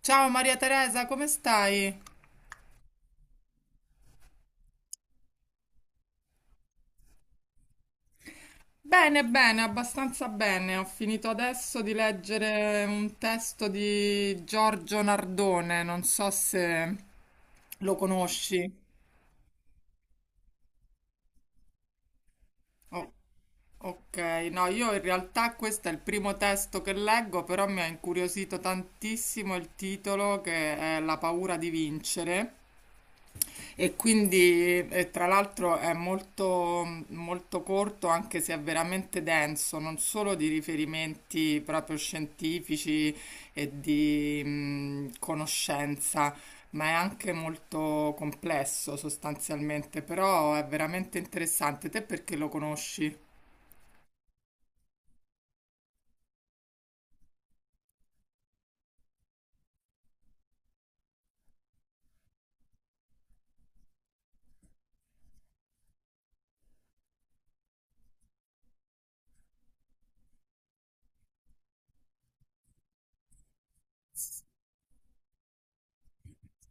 Ciao Maria Teresa, come stai? Bene, bene, abbastanza bene. Ho finito adesso di leggere un testo di Giorgio Nardone, non so se lo conosci. Oh, ok, no, io in realtà questo è il primo testo che leggo, però mi ha incuriosito tantissimo il titolo che è La paura di vincere. E quindi, tra l'altro, è molto, molto corto, anche se è veramente denso, non solo di riferimenti proprio scientifici e di conoscenza, ma è anche molto complesso sostanzialmente, però è veramente interessante. Te perché lo conosci?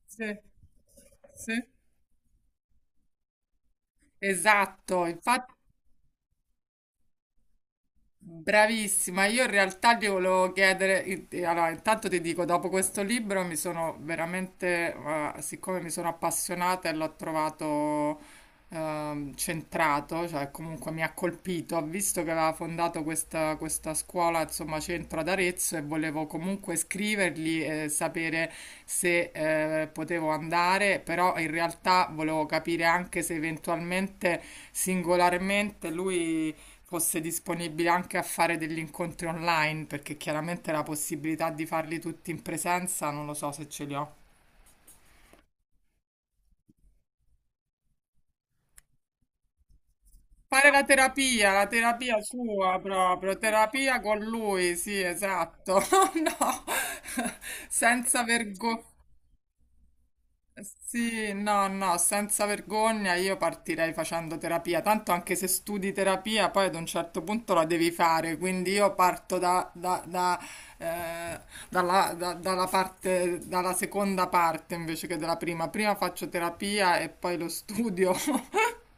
Sì, sì. Esatto, infatti. Bravissima, io in realtà ti volevo chiedere, allora intanto ti dico, dopo questo libro mi sono veramente, siccome mi sono appassionata e l'ho trovato centrato, cioè comunque mi ha colpito, ho visto che aveva fondato questa, questa scuola, insomma, centro ad Arezzo e volevo comunque scrivergli e sapere se potevo andare, però in realtà volevo capire anche se eventualmente singolarmente lui fosse disponibile anche a fare degli incontri online, perché chiaramente la possibilità di farli tutti in presenza non lo so se ce li ho. Fare la terapia sua proprio, terapia con lui, sì, esatto. No, senza vergogna. Sì, no, no, senza vergogna io partirei facendo terapia, tanto anche se studi terapia poi ad un certo punto la devi fare, quindi io parto eh, dalla, dalla parte, dalla seconda parte invece che dalla prima. Prima faccio terapia e poi lo studio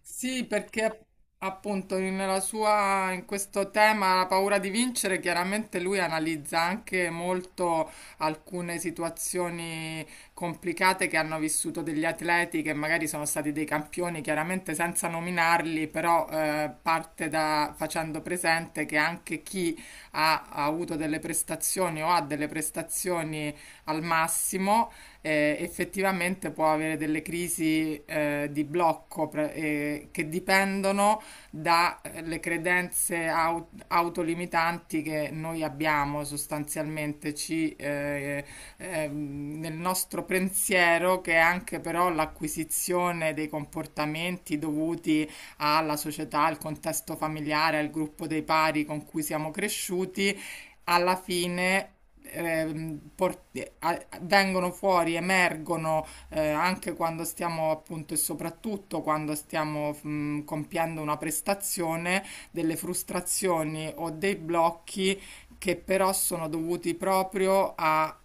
Sì, perché appunto nella sua, in questo tema la paura di vincere, chiaramente lui analizza anche molto alcune situazioni complicate che hanno vissuto degli atleti che magari sono stati dei campioni, chiaramente senza nominarli, però parte da facendo presente che anche chi ha avuto delle prestazioni o ha delle prestazioni al massimo effettivamente può avere delle crisi di blocco che dipendono dalle credenze autolimitanti che noi abbiamo sostanzialmente nel nostro pensiero, che è anche però l'acquisizione dei comportamenti dovuti alla società, al contesto familiare, al gruppo dei pari con cui siamo cresciuti alla fine vengono fuori, emergono anche quando stiamo appunto e soprattutto quando stiamo compiendo una prestazione, delle frustrazioni o dei blocchi che però sono dovuti proprio a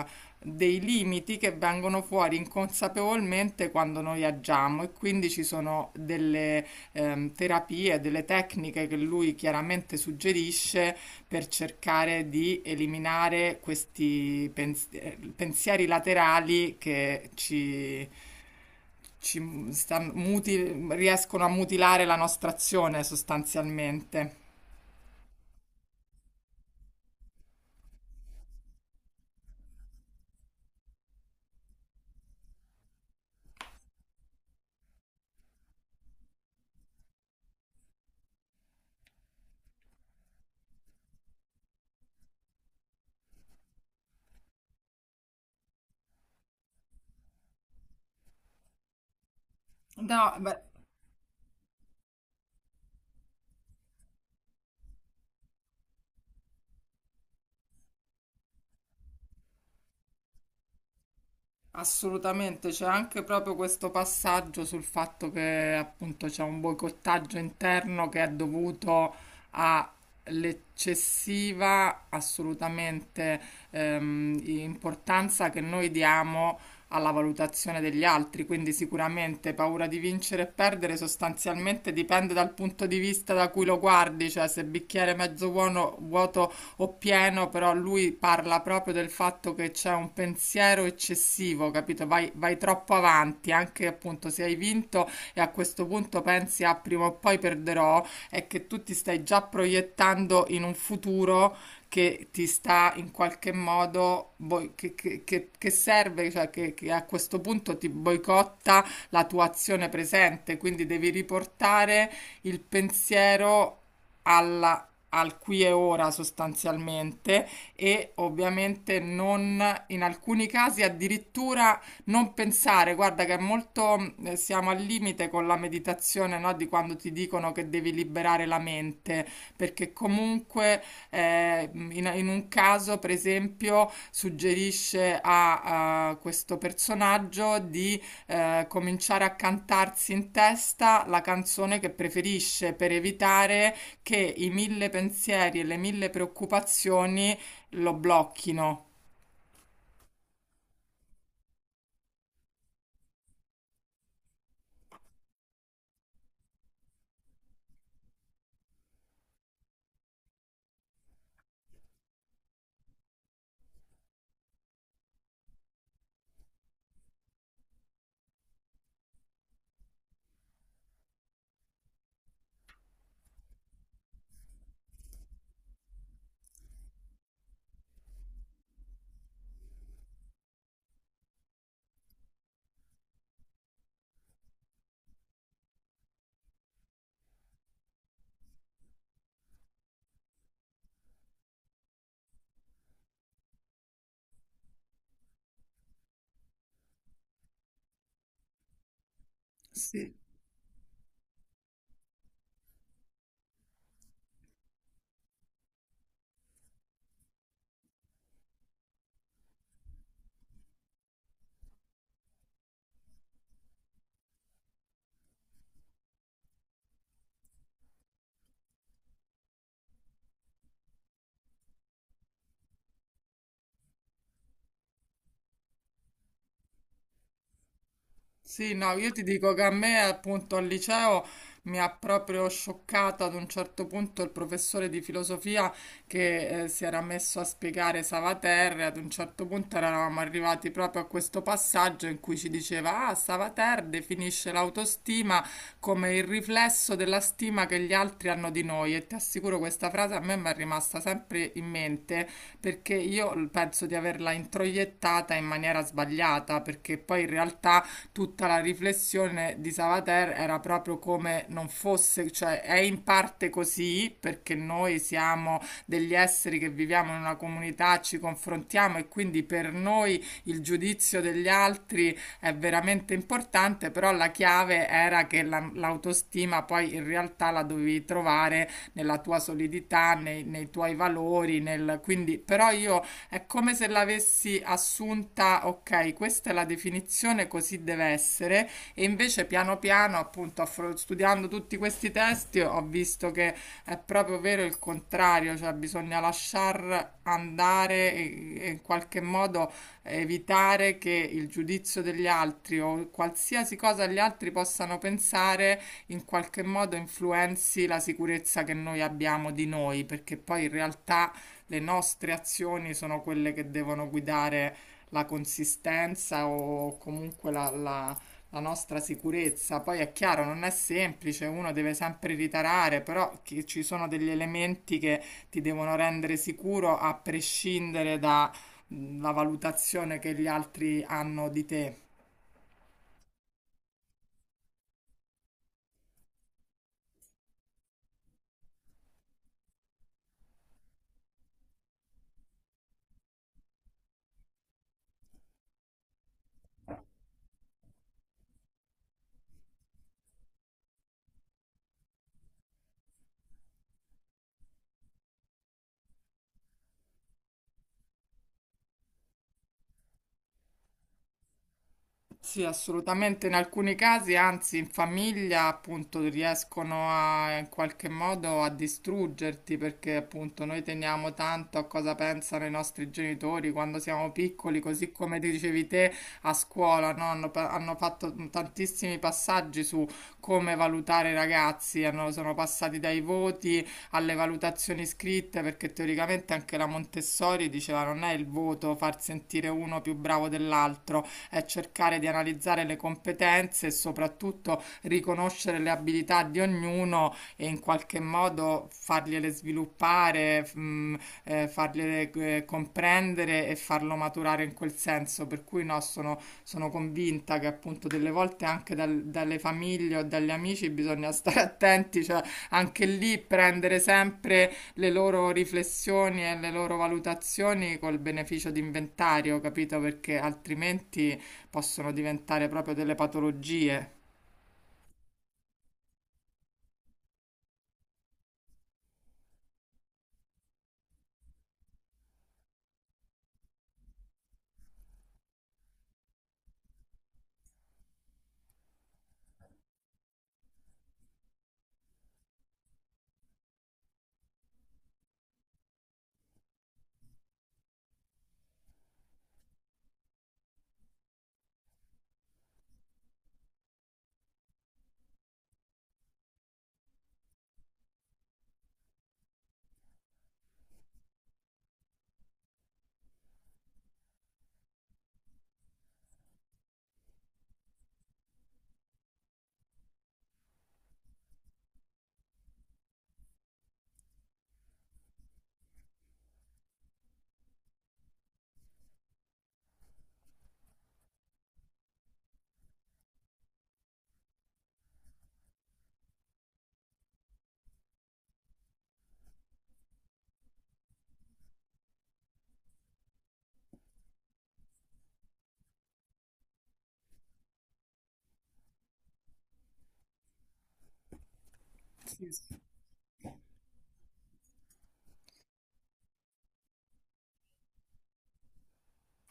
dei limiti che vengono fuori inconsapevolmente quando noi agiamo e quindi ci sono delle terapie, delle tecniche che lui chiaramente suggerisce per cercare di eliminare questi pensieri laterali che riescono a mutilare la nostra azione sostanzialmente. No, beh, assolutamente, c'è anche proprio questo passaggio sul fatto che appunto c'è un boicottaggio interno che è dovuto all'eccessiva assolutamente importanza che noi diamo alla valutazione degli altri, quindi sicuramente paura di vincere e perdere sostanzialmente dipende dal punto di vista da cui lo guardi, cioè se bicchiere mezzo buono, vuoto o pieno, però lui parla proprio del fatto che c'è un pensiero eccessivo, capito? Vai, vai troppo avanti, anche appunto se hai vinto e a questo punto pensi a prima o poi perderò, è che tu ti stai già proiettando in un futuro che ti sta in qualche modo, che serve, cioè che a questo punto ti boicotta la tua azione presente, quindi devi riportare il pensiero alla- al qui e ora sostanzialmente e ovviamente non in alcuni casi addirittura non pensare, guarda che è molto siamo al limite con la meditazione, no, di quando ti dicono che devi liberare la mente, perché comunque in un caso, per esempio, suggerisce a questo personaggio di cominciare a cantarsi in testa la canzone che preferisce per evitare che i mille pensieri e le mille preoccupazioni lo blocchino. Sì. Sì, no, io ti dico che a me appunto al liceo mi ha proprio scioccata ad un certo punto il professore di filosofia che si era messo a spiegare Savater e ad un certo punto eravamo arrivati proprio a questo passaggio in cui ci diceva: Ah, Savater definisce l'autostima come il riflesso della stima che gli altri hanno di noi. E ti assicuro, questa frase a me mi è rimasta sempre in mente perché io penso di averla introiettata in maniera sbagliata, perché poi in realtà tutta la riflessione di Savater era proprio come non fosse, cioè è in parte così perché noi siamo degli esseri che viviamo in una comunità, ci confrontiamo e quindi per noi il giudizio degli altri è veramente importante, però la chiave era che l'autostima poi in realtà la dovevi trovare nella tua solidità, nei tuoi valori, nel... quindi però io è come se l'avessi assunta, ok, questa è la definizione, così deve essere, e invece piano piano, appunto, studiando tutti questi testi, ho visto che è proprio vero il contrario, cioè bisogna lasciar andare e in qualche modo evitare che il giudizio degli altri o qualsiasi cosa gli altri possano pensare in qualche modo influenzi la sicurezza che noi abbiamo di noi, perché poi in realtà le nostre azioni sono quelle che devono guidare la consistenza o comunque la nostra sicurezza. Poi è chiaro, non è semplice, uno deve sempre ritarare, però ci sono degli elementi che ti devono rendere sicuro a prescindere dalla valutazione che gli altri hanno di te. Sì, assolutamente. In alcuni casi, anzi, in famiglia, appunto, riescono a, in qualche modo a distruggerti perché, appunto, noi teniamo tanto a cosa pensano i nostri genitori quando siamo piccoli, così come dicevi te a scuola, no? Hanno fatto tantissimi passaggi su come valutare i ragazzi, sono passati dai voti alle valutazioni scritte perché teoricamente anche la Montessori diceva non è il voto far sentire uno più bravo dell'altro è cercare di analizzare le competenze e soprattutto riconoscere le abilità di ognuno e in qualche modo fargliele sviluppare, fargliele comprendere e farlo maturare in quel senso. Per cui no, sono, sono convinta che appunto delle volte anche dalle famiglie o dagli amici bisogna stare attenti, cioè anche lì prendere sempre le loro riflessioni e le loro valutazioni col beneficio di inventario, capito? Perché altrimenti possono diventare proprio delle patologie.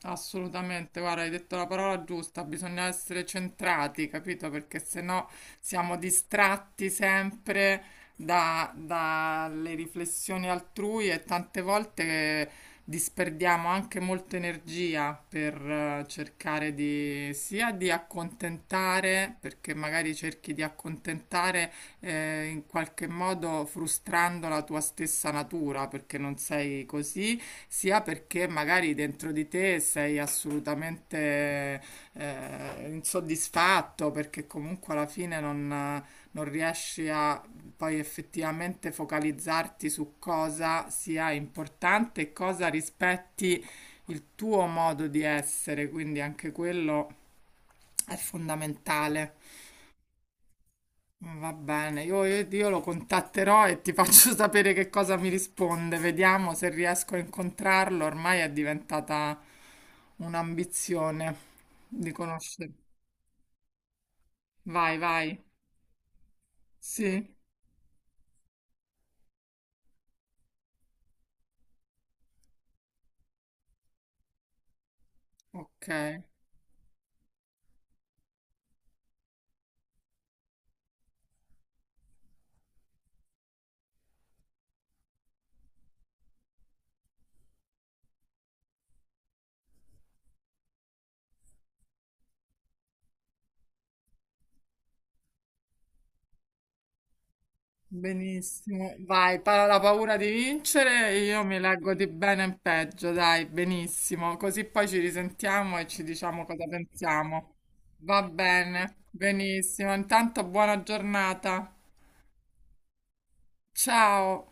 Assolutamente, guarda, hai detto la parola giusta, bisogna essere centrati, capito? Perché se no siamo distratti sempre dalle riflessioni altrui e tante volte disperdiamo anche molta energia per cercare di sia di accontentare, perché magari cerchi di accontentare in qualche modo frustrando la tua stessa natura, perché non sei così sia perché magari dentro di te sei assolutamente insoddisfatto, perché comunque alla fine non riesci a poi effettivamente focalizzarti su cosa sia importante e cosa rispetti il tuo modo di essere, quindi anche quello è fondamentale. Va bene, io lo contatterò e ti faccio sapere che cosa mi risponde. Vediamo se riesco a incontrarlo. Ormai è diventata un'ambizione di conoscere. Vai, vai. Sì, ok, benissimo. Vai, la paura di vincere, io mi leggo di bene in peggio, dai, benissimo. Così poi ci risentiamo e ci diciamo cosa pensiamo. Va bene, benissimo. Intanto buona giornata. Ciao.